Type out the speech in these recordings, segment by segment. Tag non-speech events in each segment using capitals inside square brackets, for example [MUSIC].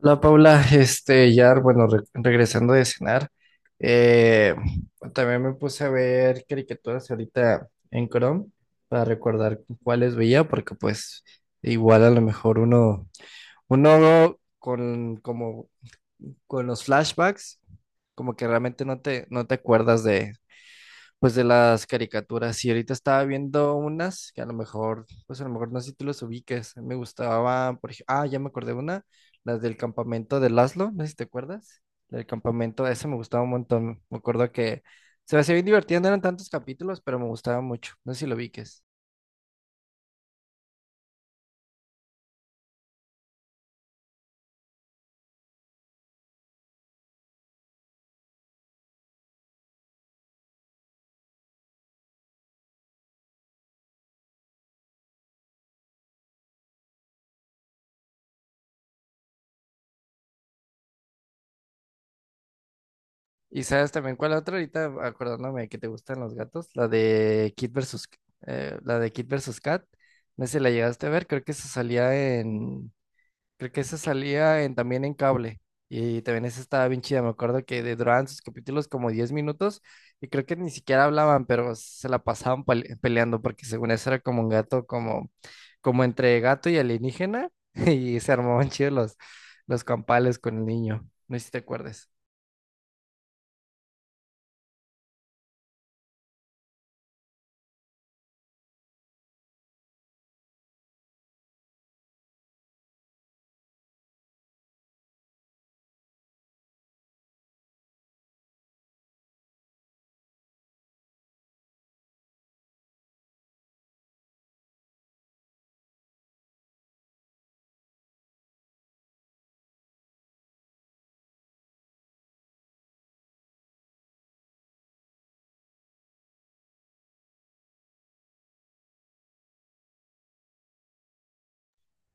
Hola Paula, ya, bueno, regresando de cenar. eh, También me puse a ver caricaturas ahorita en Chrome para recordar cuáles veía, porque pues igual a lo mejor uno con, como, con los flashbacks, como que realmente no te acuerdas de, pues de las caricaturas, y ahorita estaba viendo unas que a lo mejor, pues a lo mejor no sé si tú los ubiques. Me gustaba, por ejemplo, ah, ya me acordé de una, las del campamento de Laszlo, no sé si te acuerdas. La del campamento, esa me gustaba un montón. Me acuerdo que se me hacía bien divertida, no eran tantos capítulos, pero me gustaba mucho. No sé si lo ubiques. Y sabes también cuál otra ahorita, acordándome que te gustan los gatos, la de Kid versus Cat. No sé si la llegaste a ver, creo que se salía en. Creo que esa salía también en cable. Y también esa estaba bien chida. Me acuerdo que duraban sus capítulos como 10 minutos y creo que ni siquiera hablaban, pero se la pasaban peleando porque según eso era como un gato, como entre gato y alienígena [LAUGHS] y se armaban chidos los campales con el niño. No sé si te acuerdas.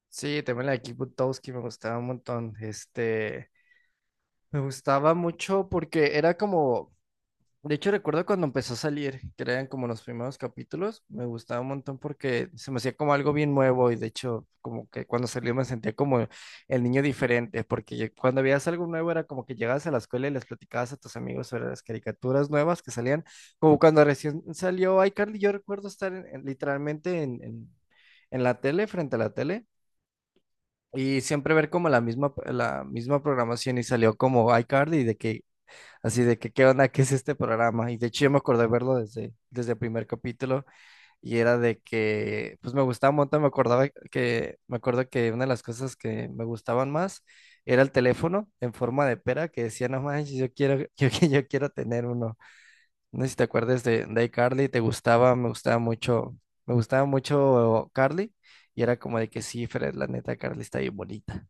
Sí, también la de Kick Buttowski me gustaba un montón. Me gustaba mucho porque era como. De hecho, recuerdo cuando empezó a salir, que eran como los primeros capítulos, me gustaba un montón porque se me hacía como algo bien nuevo y de hecho, como que cuando salió me sentía como el niño diferente, porque cuando veías algo nuevo era como que llegabas a la escuela y les platicabas a tus amigos sobre las caricaturas nuevas que salían, como cuando recién salió iCarly. Yo recuerdo estar literalmente en la tele, frente a la tele. Y siempre ver como la misma programación y salió como iCarly de que. Así de que, ¿qué onda? ¿Qué es este programa? Y de hecho yo me acordé verlo desde el primer capítulo y era de que, pues me gustaba un montón, me acuerdo que una de las cosas que me gustaban más era el teléfono en forma de pera que decía, no manches, yo quiero, [LAUGHS] yo quiero tener uno. No sé si te acuerdas de iCarly, te gustaba, me gustaba mucho Carly y era como de que sí, Fred, la neta, Carly está bien bonita.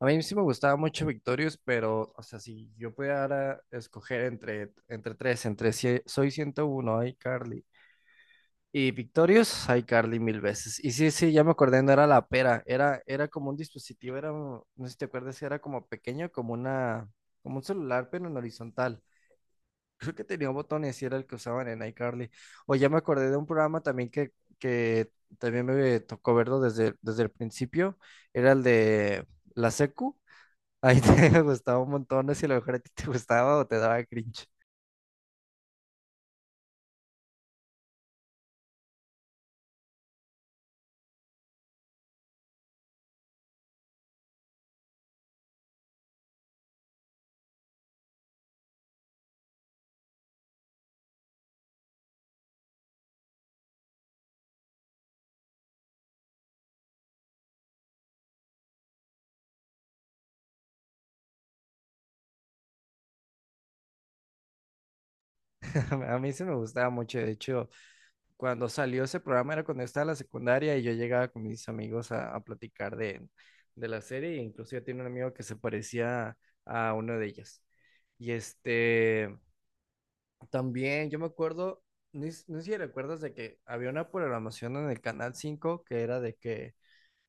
A mí sí me gustaba mucho Victorious, pero, o sea, si yo pudiera escoger entre tres, entre si- Soy 101, iCarly, y Victorious, iCarly mil veces. Y sí, sí, ya me acordé, no era la pera, era como un dispositivo, no sé si te acuerdas, si era como pequeño, como una, como un celular, pero en horizontal. [LAUGHS] Creo que tenía botones y era el que usaban en iCarly. O ya me acordé de un programa también que también me tocó verlo desde el principio, era el de la secu ahí te [LAUGHS] gustaba un montón, no sé si a lo mejor a ti te gustaba o te daba cringe. [LAUGHS] A mí sí me gustaba mucho, de hecho, cuando salió ese programa era cuando estaba en la secundaria y yo llegaba con mis amigos a platicar de la serie, e incluso yo tenía un amigo que se parecía a uno de ellas. Y este, también yo me acuerdo, no sé si recuerdas de que había una programación en el Canal 5 que era de que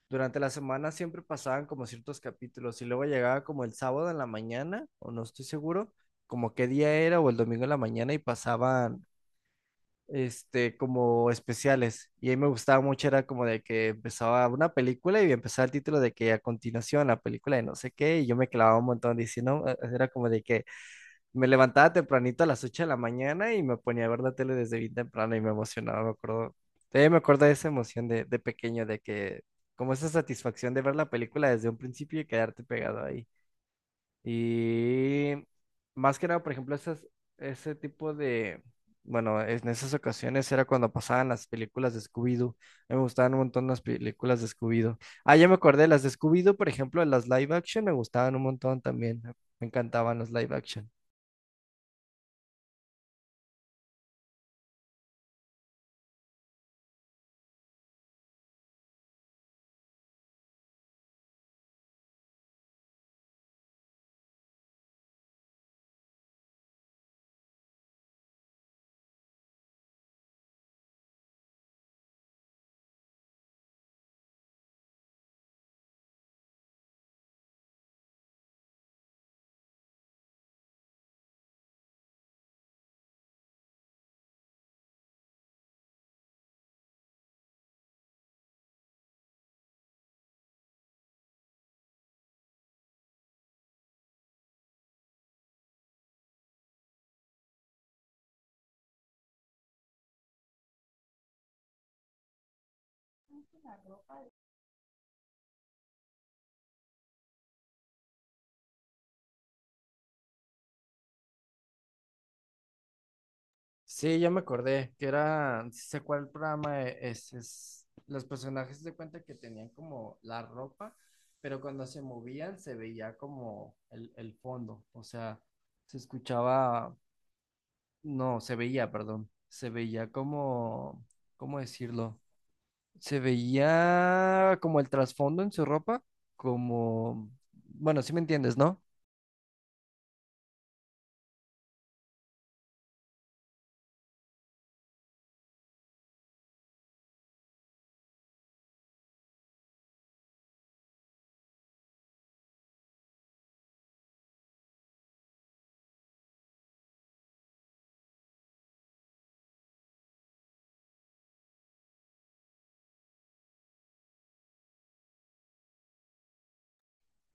durante la semana siempre pasaban como ciertos capítulos y luego llegaba como el sábado en la mañana, o no estoy seguro, como qué día era o el domingo en la mañana y pasaban este como especiales y a mí me gustaba mucho era como de que empezaba una película y empezaba el título de que a continuación la película de no sé qué y yo me clavaba un montón diciendo, era como de que me levantaba tempranito a las 8 de la mañana y me ponía a ver la tele desde bien temprano y me emocionaba, me acuerdo. Todavía me acuerdo de esa emoción de pequeño, de que, como esa satisfacción de ver la película desde un principio y quedarte pegado ahí. Y más que nada, por ejemplo, esas, ese tipo de, bueno, en esas ocasiones era cuando pasaban las películas de Scooby-Doo. A mí me gustaban un montón las películas de Scooby-Doo. Ah, ya me acordé, las de Scooby-Doo, por ejemplo, las live action me gustaban un montón también. Me encantaban las live action. Sí, ya me acordé, que era, sí sé cuál programa es, los personajes de cuenta que tenían como la ropa, pero cuando se movían se veía como el fondo, o sea, se escuchaba, no, se veía, perdón, se veía como, ¿cómo decirlo? Se veía como el trasfondo en su ropa, como, bueno, sí me entiendes, ¿no?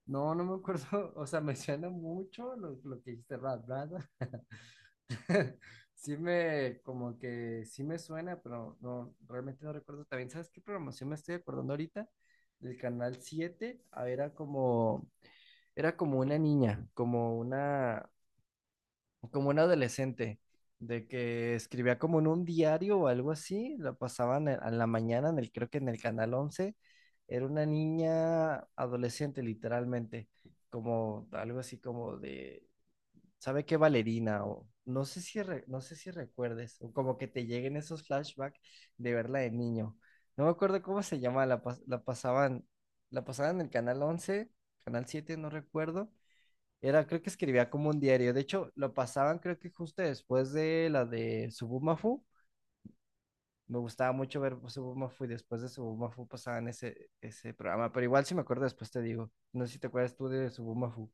No, no me acuerdo, [LAUGHS] o sea, me suena mucho lo que dijiste, Rat Brand. [LAUGHS] Sí me, como que sí me suena, pero no, realmente no recuerdo. También, ¿sabes qué programación me estoy acordando ahorita? Del canal 7. Ah, era como una niña, como una, como un adolescente, de que escribía como en un diario o algo así, la pasaban a la mañana, en el, creo que en el Canal 11. Era una niña adolescente literalmente, como algo así como de, ¿sabe qué? Valerina, o no sé si, no sé si recuerdes, o como que te lleguen esos flashbacks de verla de niño. No me acuerdo cómo se llama, la, la pasaban en el Canal 11. Canal 7 no recuerdo. Era, creo que escribía como un diario. De hecho, lo pasaban, creo que justo después de la de Subumafu. Me gustaba mucho ver Subumafu y después de Subumafu pasaban ese programa. Pero igual si me acuerdo después te digo. No sé si te acuerdas tú de Subumafu.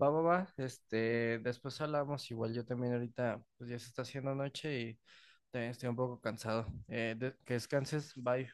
Va, va, va. Este, después hablamos. Igual yo también ahorita, pues ya se está haciendo noche y también estoy un poco cansado. Que descanses. Bye.